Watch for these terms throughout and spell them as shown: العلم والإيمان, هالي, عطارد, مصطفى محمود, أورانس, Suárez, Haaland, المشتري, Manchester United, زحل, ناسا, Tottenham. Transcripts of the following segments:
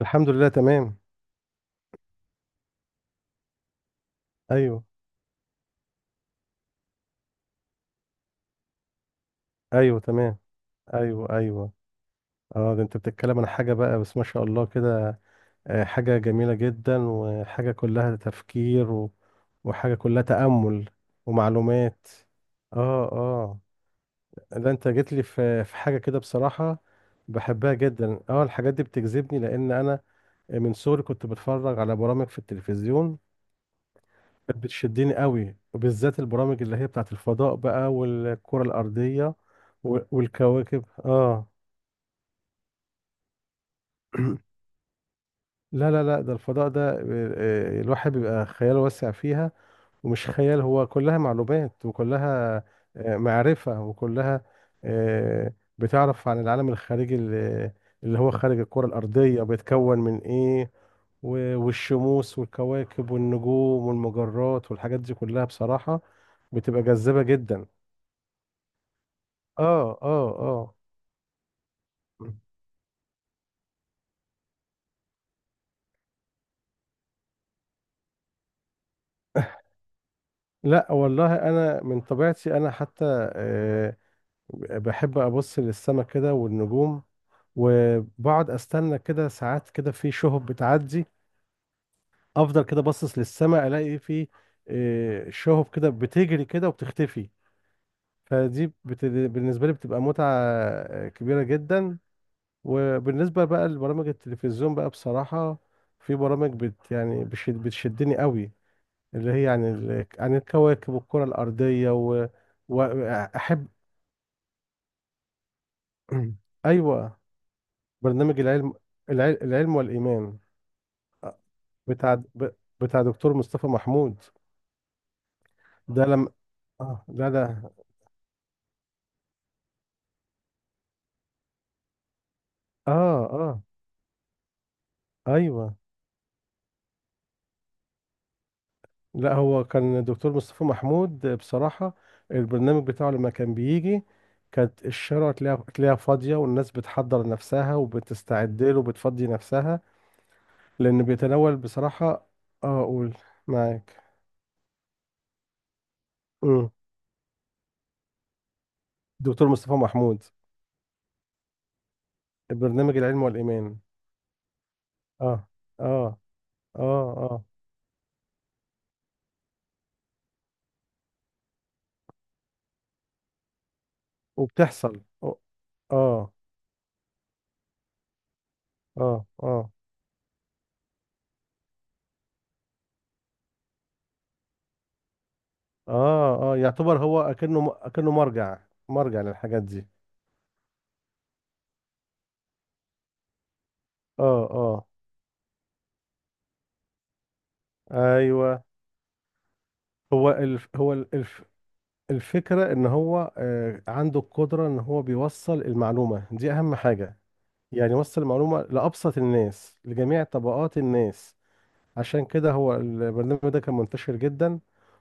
الحمد لله، تمام. ايوه ايوه، تمام. ايوه، ايوه. اه، ده انت بتتكلم عن حاجه بقى، بس ما شاء الله كده. حاجه جميله جدا، وحاجه كلها تفكير وحاجه كلها تامل ومعلومات. اه، اه. ده انت جيت لي في حاجه كده بصراحه، بحبها جدا. اه، الحاجات دي بتجذبني لان انا من صغري كنت بتفرج على برامج في التلفزيون كانت بتشدني قوي، وبالذات البرامج اللي هي بتاعت الفضاء بقى، والكرة الأرضية والكواكب، اه. لا، ده الفضاء ده، الواحد بيبقى خياله واسع فيها، ومش خيال، هو كلها معلومات، وكلها معرفة، وكلها آه، بتعرف عن العالم الخارجي اللي هو خارج الكرة الأرضية، بيتكون من إيه؟ والشموس والكواكب والنجوم والمجرات والحاجات دي كلها بصراحة بتبقى جذابة جدا. اه، اه، اه. لا والله انا من طبيعتي، انا حتى آه، بحب ابص للسماء كده والنجوم، وبقعد استنى كده ساعات كده في شهب بتعدي. افضل كده باصص للسماء الاقي في شهب كده بتجري كده وبتختفي. بالنسبه لي بتبقى متعه كبيره جدا. وبالنسبه بقى لبرامج التلفزيون بقى بصراحه، في برامج بتشدني قوي، اللي هي عن عن الكواكب والكرة الأرضية وأحب. أيوة. برنامج العلم، العلم والإيمان، بتاع ب... بتاع دكتور مصطفى محمود. ده لم آه لا ده آه آه أيوة. لا هو كان دكتور مصطفى محمود بصراحة، البرنامج بتاعه لما كان بيجي كانت الشارع تلاقيها فاضية، والناس بتحضر نفسها وبتستعد له وبتفضي نفسها، لأنه بيتناول بصراحة أقول معاك، دكتور مصطفى محمود، برنامج العلم والإيمان. اه، اه، اه، اه. وبتحصل، اه، اه، اه، اه، اه. يعتبر هو أكنه مرجع، مرجع للحاجات دي. اه، اه، ايوه. هو الف هو ال- الف الفكرة ان هو عنده القدرة ان هو بيوصل المعلومة دي، اهم حاجة، يعني يوصل المعلومة لأبسط الناس، لجميع طبقات الناس. عشان كده هو البرنامج ده كان منتشر جدا.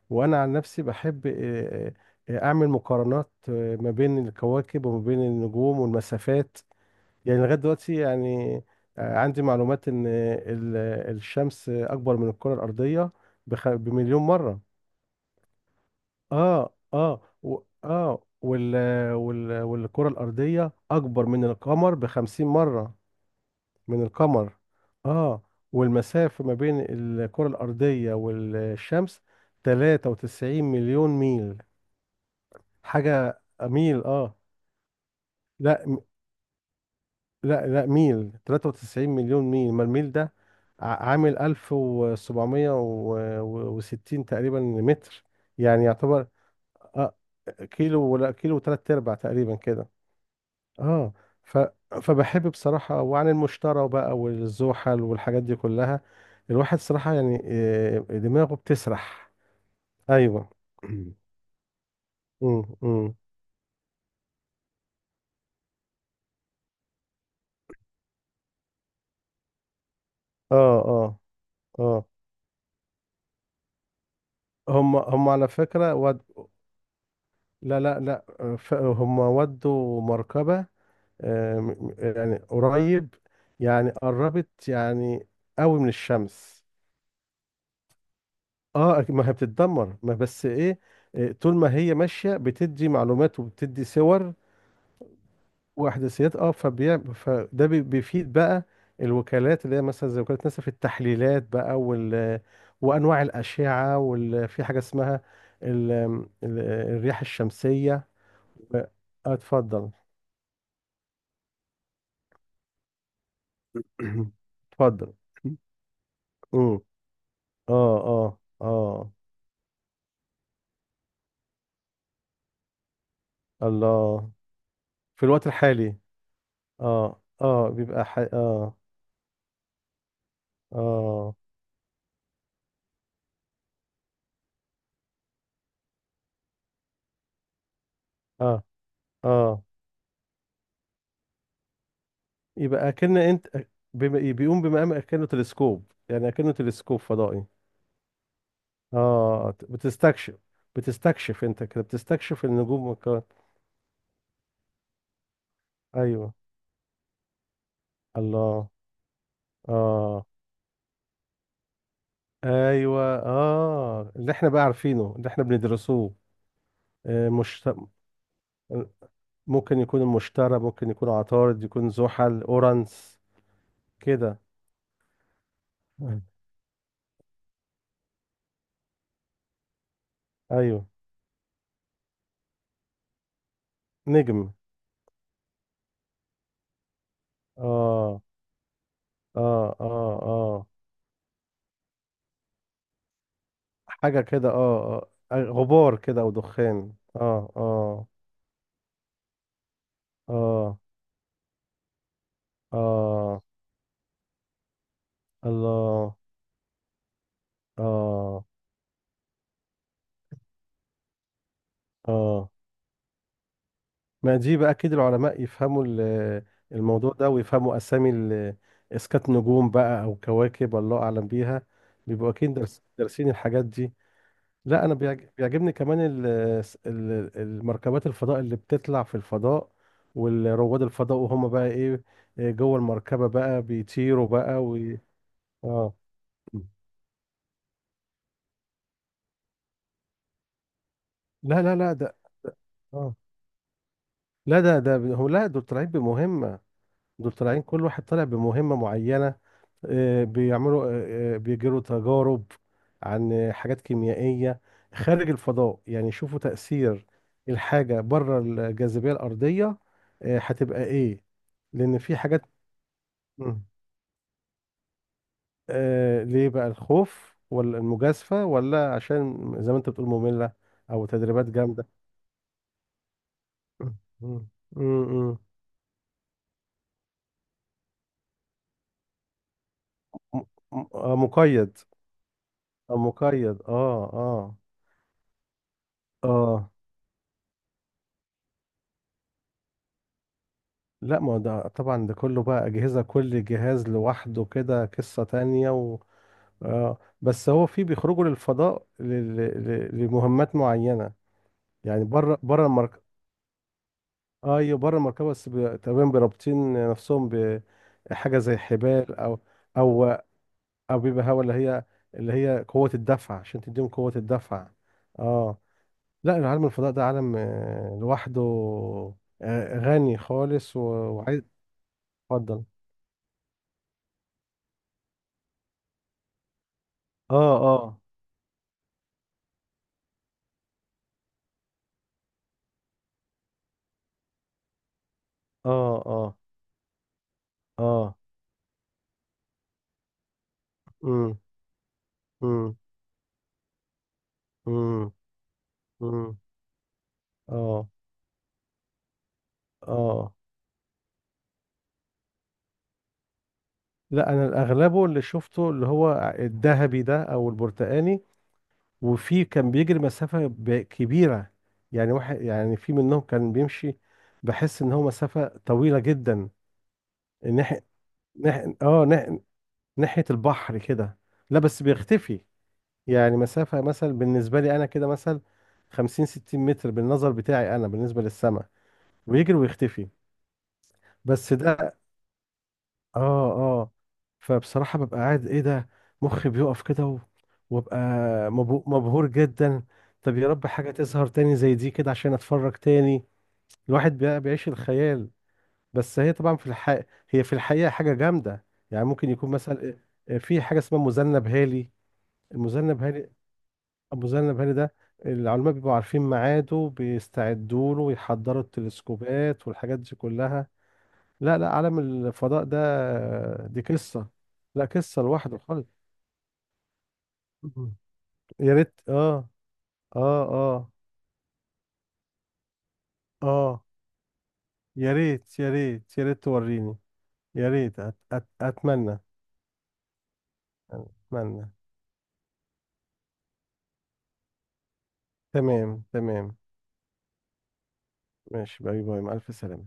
وانا عن نفسي بحب، اعمل مقارنات ما بين الكواكب، وما بين النجوم والمسافات، يعني لغايه دلوقتي يعني عندي معلومات ان الشمس اكبر من الكره الارضيه بـ1 مليون مره. اه، اه. و اه وال وال والكره الارضيه اكبر من القمر بـ50 مره، من القمر. اه. والمسافة ما بين الكرة الأرضية والشمس 93 مليون ميل، حاجة، ميل، اه. لا م- لا لا ميل، 93 مليون ميل. ما الميل ده عامل 1760 تقريبا متر، يعني يعتبر آه كيلو، ولا كيلو وثلاث ارباع تقريبا كده. اه. ف... فبحب بصراحة. وعن المشترى بقى والزحل والحاجات دي كلها، الواحد صراحة يعني دماغه بتسرح. ايوه. امم امم اه، اه، اه. هم على فكرة لا، لا، لا. هم ودوا مركبة، يعني قريب، يعني قربت، يعني قوي من الشمس. اه، ما هي بتتدمر، ما بس ايه، طول ما هي ماشية بتدي معلومات وبتدي صور واحداثيات، اه. بيفيد بقى الوكالات اللي هي مثلا زي وكاله ناسا، في التحليلات بقى، وانواع الاشعه، في حاجه اسمها ال... ال... الرياح الشمسيه و... آه، اتفضل. اتفضل. امم، اه، اه، اه. الله. في الوقت الحالي. اه، اه، اه، اه، اه، اه. يبقى كأن انت بيقوم بمقام كأنه تلسكوب، يعني كأنه تلسكوب فضائي. اه، بتستكشف، بتستكشف انت كده، بتستكشف النجوم والكواكب. ايوه. الله. اه، ايوه، اه، اللي احنا بقى عارفينه، اللي احنا بندرسوه. آه، مشت... ممكن يكون المشتري، ممكن يكون عطارد، يكون زحل، اورانس كده. مم. ايوه، نجم. اه، اه، اه، اه، حاجه كده، اه، غبار كده او دخان، اه، اه، اه، اه. الله، اه، اه. ما دي بقى كده العلماء يفهموا الموضوع ده ويفهموا أسامي إسكات نجوم بقى أو كواكب الله أعلم بيها، بيبقوا أكيد درس دارسين الحاجات دي. لا أنا بيعجبني كمان المركبات الفضاء اللي بتطلع في الفضاء، والرواد الفضاء، وهم بقى إيه، إيه جوه المركبة بقى بيطيروا بقى. و آه لا لا لا ده آه لا ده ده هو لا دول طالعين بمهمة، دول طالعين كل واحد طالع بمهمة معينة، بيعملوا، بيجروا تجارب عن حاجات كيميائية خارج الفضاء، يعني شوفوا تأثير الحاجة بره الجاذبية الأرضية، هتبقى إيه، لأن في حاجات. مم. ليه بقى؟ الخوف ولا المجازفة، ولا عشان زي ما أنت بتقول مملة أو تدريبات جامدة؟ مم، مم، مم. م- مقيد، مقيد، اه، اه، اه. لا، ما هو ده طبعا، ده كله بقى أجهزة، كل جهاز لوحده كده قصة تانية و... آه بس هو في بيخرجوا للفضاء لمهمات معينة، يعني بره، بره المركبة. ايوه بره المركبة، بس تقريبا برابطين نفسهم بحاجة زي حبال أو، أو بيبقى هوا، اللي هي، اللي هي قوة الدفع، عشان تديهم قوة الدفع. اه. لا العالم الفضاء ده عالم لوحده، غني خالص وعايز، اتفضل. اه، اه، اه، اه، اه، امم، امم، امم، امم، اه، اه. لا انا الاغلبه اللي شفته اللي هو الذهبي ده او البرتقاني. وفي كان بيجري مسافة كبيرة، يعني واحد، يعني في منهم كان بيمشي بحس ان هو مسافة طويلة جدا، ناحية، ناحية، اه، ناحية، ناحية البحر كده. لا، بس بيختفي، يعني مسافة مثلا بالنسبة لي انا كده، مثلا 50 60 متر بالنظر بتاعي انا بالنسبة للسماء، ويجري ويختفي. بس ده، اه، اه، فبصراحة ببقى قاعد ايه ده، مخي بيقف كده وببقى مبهور جدا. طب يا رب حاجة تظهر تاني زي دي كده عشان اتفرج تاني، الواحد بيعيش الخيال. بس هي طبعا في الحقيقة، هي في الحقيقة حاجة جامدة، يعني ممكن يكون مثلا في حاجة اسمها مذنب هالي، المذنب هالي، المذنب هالي ده العلماء بيبقوا عارفين ميعاده، بيستعدوا له ويحضروا التلسكوبات والحاجات دي كلها. لا، عالم الفضاء ده دي قصة، لا قصة لوحده خالص. مم. يا ريت، اه، اه، اه، اه. يا ريت، يا ريت، يا ريت توريني. يا ريت أت أت أتمنى. أتمنى. تمام، تمام. ماشي، باي باي، مع ألف سلامة.